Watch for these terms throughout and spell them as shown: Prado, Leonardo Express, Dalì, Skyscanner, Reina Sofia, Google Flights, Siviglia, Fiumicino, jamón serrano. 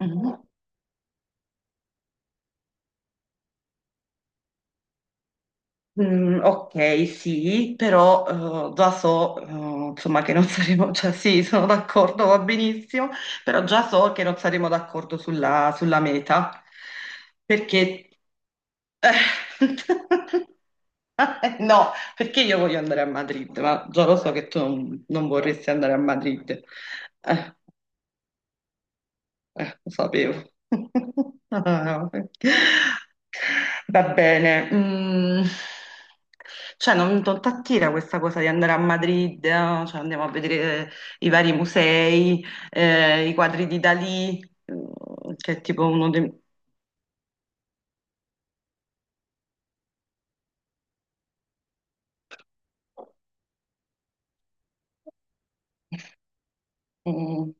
Mhm. Mm, ok, sì, però già so, che non saremo, cioè sì, sono d'accordo, va benissimo, però già so che non saremo d'accordo sulla meta, perché... Eh, no, perché io voglio andare a Madrid, ma già lo so che tu non vorresti andare a Madrid. Eh, lo sapevo. Ah, vabbè. Va bene, mm, cioè non t'attira questa cosa di andare a Madrid, eh? Cioè, andiamo a vedere i vari musei, i quadri di Dalì, mm, che è tipo uno dei... Mm.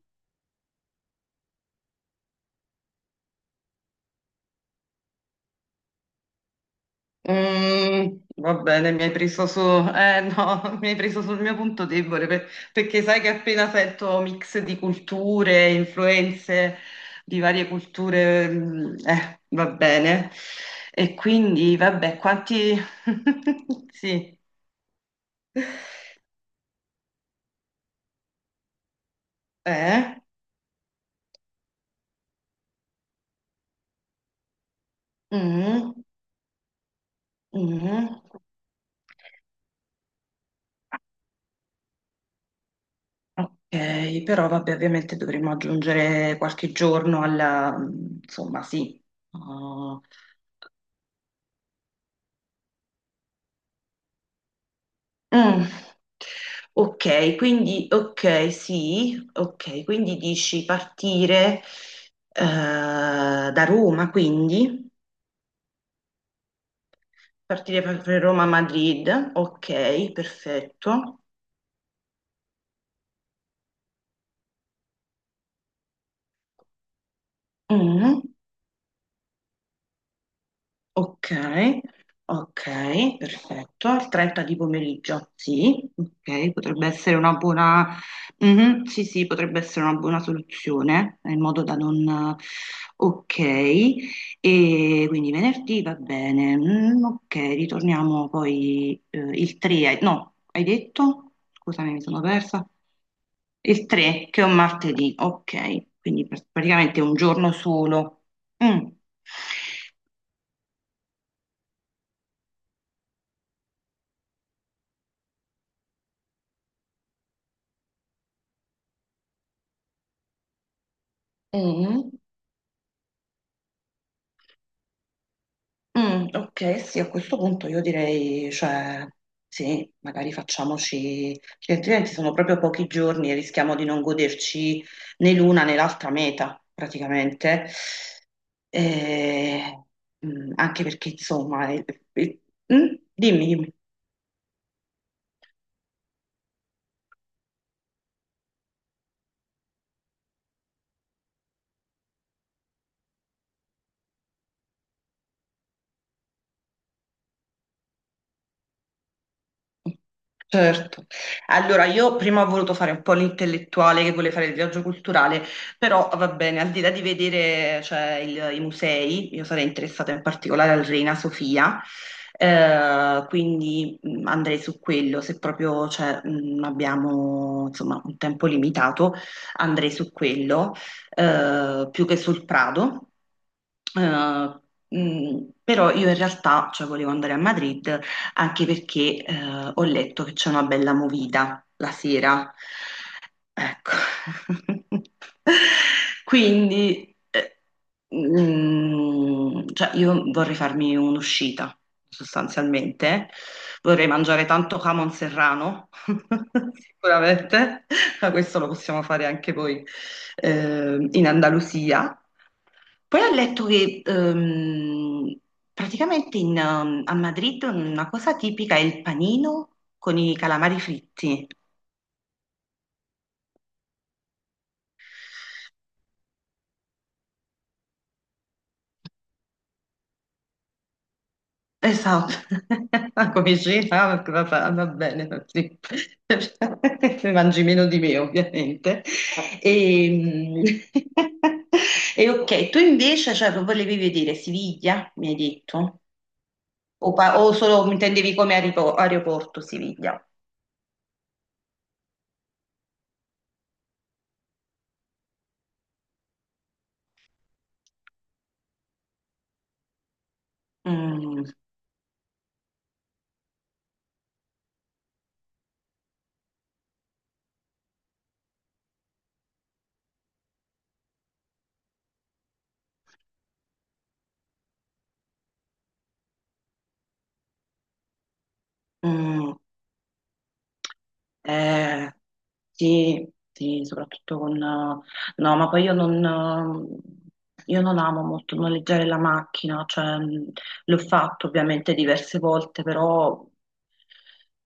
Mm, va bene, mi hai preso su, no, mi hai preso sul mio punto debole perché sai che appena sento mix di culture, influenze di varie culture, mm, va bene. E quindi, vabbè, quanti... Sì, eh? Mm, mm. Ok, però vabbè, ovviamente dovremmo aggiungere qualche giorno alla... mm, insomma, sì. No. Mm. Ok, quindi, ok, sì, ok, quindi dici partire da Roma, quindi partire per Roma-Madrid, ok, perfetto. Mm. Ok, ok, perfetto. Al 30 di pomeriggio, sì, ok, potrebbe essere una buona. Mhm, sì, sì, potrebbe essere una buona soluzione, in modo da non... Ok, e quindi venerdì va bene. Mm, ok, ritorniamo poi il 3, no, hai detto? Scusami, mi sono persa. Il 3, che è un martedì, ok, quindi praticamente un giorno solo. Mm. Mm. Mm, ok, sì, a questo punto io direi, cioè, sì, magari facciamoci, perché altrimenti sono proprio pochi giorni e rischiamo di non goderci né l'una né l'altra meta, praticamente. E, mm, anche perché, insomma, eh, mm, dimmi, dimmi. Certo. Allora, io prima ho voluto fare un po' l'intellettuale che voleva fare il viaggio culturale, però va bene, al di là di vedere, cioè, i musei, io sarei interessata in particolare al Reina Sofia, quindi andrei su quello, se proprio, cioè, abbiamo, insomma, un tempo limitato, andrei su quello, più che sul Prado. Eh, però io in realtà, cioè, volevo andare a Madrid anche perché ho letto che c'è una bella movida la sera. Ecco. Quindi, mm, cioè, io vorrei farmi un'uscita, sostanzialmente. Vorrei mangiare tanto jamon serrano, sicuramente, ma questo lo possiamo fare anche voi in Andalusia. Poi ho letto che praticamente in a Madrid una cosa tipica è il panino con i calamari fritti. Esatto, ma come cena, ah, va, va bene, sì. Mangi meno di me ovviamente. E, mm, e ok, tu invece cioè, che volevi vedere Siviglia, mi hai detto, o, o solo intendevi come aeroporto Siviglia? Mm, mm. Eh, sì, sì, soprattutto con... no, ma poi io non amo molto noleggiare la macchina, cioè l'ho fatto ovviamente diverse volte, però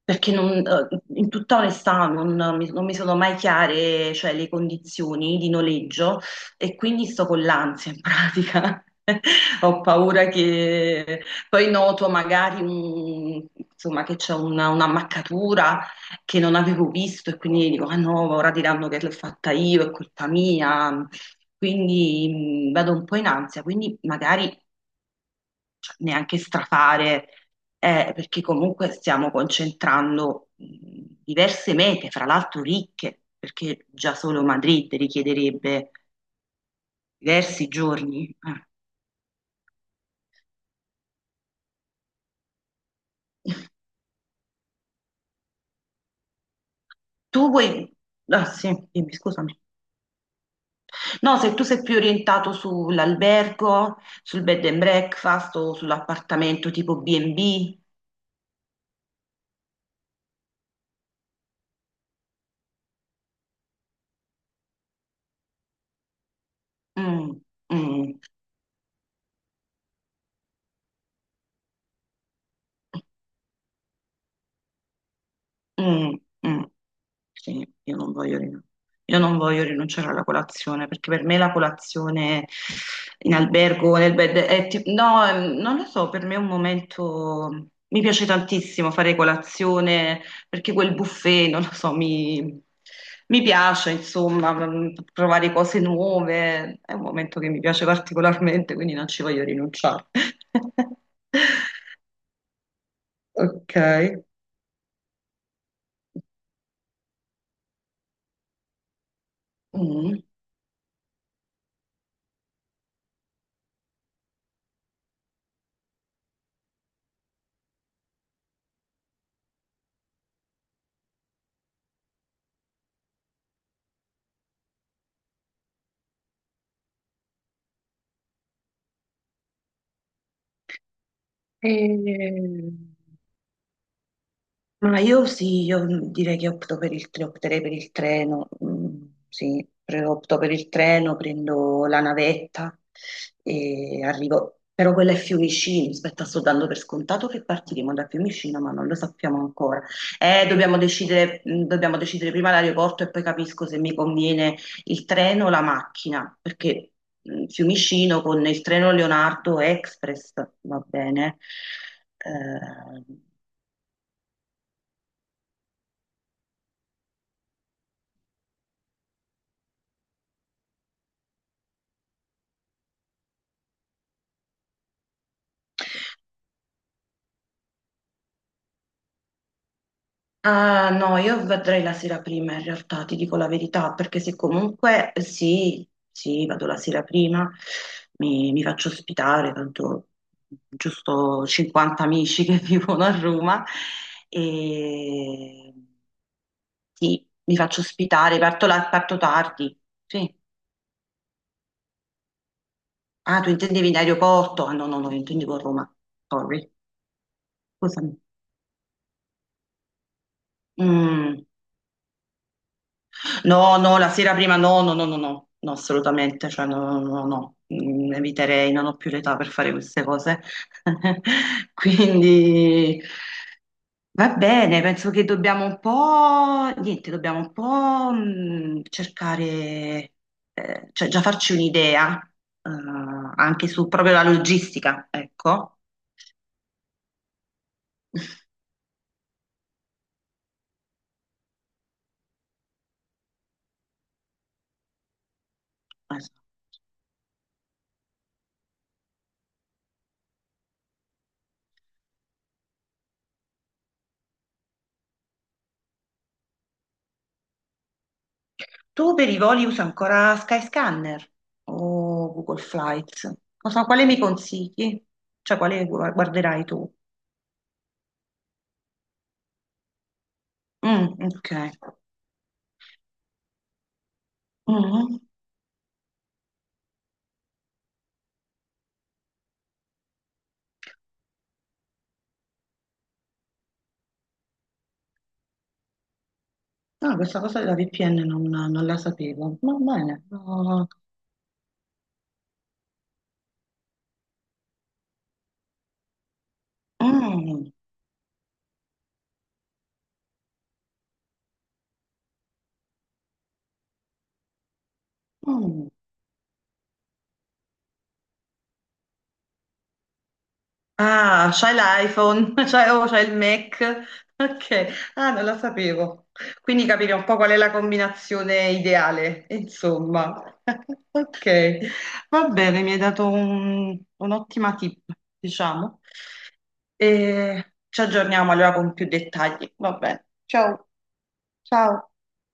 perché non, in tutta onestà non mi sono mai chiare, cioè, le condizioni di noleggio e quindi sto con l'ansia in pratica. Ho paura che poi noto magari insomma, che c'è un'ammaccatura che non avevo visto e quindi dico, ah no, ora diranno che l'ho fatta io, è colpa mia. Quindi vado un po' in ansia, quindi magari cioè, neanche strafare, perché comunque stiamo concentrando diverse mete, fra l'altro ricche, perché già solo Madrid richiederebbe diversi giorni. Tu vuoi... Ah, sì, dimmi, scusami. No, se tu sei più orientato sull'albergo, sul bed and breakfast o sull'appartamento tipo B&B. Mm, mm, mm, mm. Sì, io non voglio, io non voglio rinunciare alla colazione perché per me la colazione in albergo, nel bed, è no, non lo so, per me è un momento, mi piace tantissimo fare colazione perché quel buffet, non lo so, mi piace, insomma, mm, provare cose nuove, è un momento che mi piace particolarmente, quindi non ci voglio rinunciare. Ok. Mm. Ehm, ma io sì, io direi che opto per opterei per il treno, mm, sì, opto per il treno, prendo la navetta e arrivo, però quella è Fiumicino, aspetta, sto dando per scontato che partiremo da Fiumicino, ma non lo sappiamo ancora. Dobbiamo decidere, mm, dobbiamo decidere prima l'aeroporto e poi capisco se mi conviene il treno o la macchina, perché mm, Fiumicino con il treno Leonardo Express va bene. Eh, Ah, no, io vedrei la sera prima in realtà, ti dico la verità, perché se comunque sì, sì, vado la sera prima, mi faccio ospitare, tanto giusto 50 amici che vivono a Roma, e sì, mi faccio ospitare, parto, parto tardi, sì. Ah, tu intendevi in aeroporto? Ah, no, no, no, io intendevo a Roma, sorry, scusami. Mm. No, no, la sera prima no, no, no, no, no, no, assolutamente, cioè no, no, no, no. Mm, eviterei, non ho più l'età per fare queste cose. Quindi va bene, penso che dobbiamo un po', niente, dobbiamo un po' mm, cercare, cioè già farci un'idea, eh, anche su proprio la logistica, ecco. Tu per i voli usi ancora Skyscanner o Google Flights? Cosa, quale mi consigli? Cioè, quale guarderai tu? Mm, ok. Mm. No, questa cosa della VPN non la sapevo. Va bene. No. Mm, mm. Ah, c'hai l'iPhone, c'hai oh, c'hai il Mac. Ok, ah, non lo sapevo. Quindi capire un po' qual è la combinazione ideale, insomma. Ok, va bene, mi hai dato un'ottima tip, diciamo. E ci aggiorniamo allora con più dettagli. Va bene. Ciao. Ciao.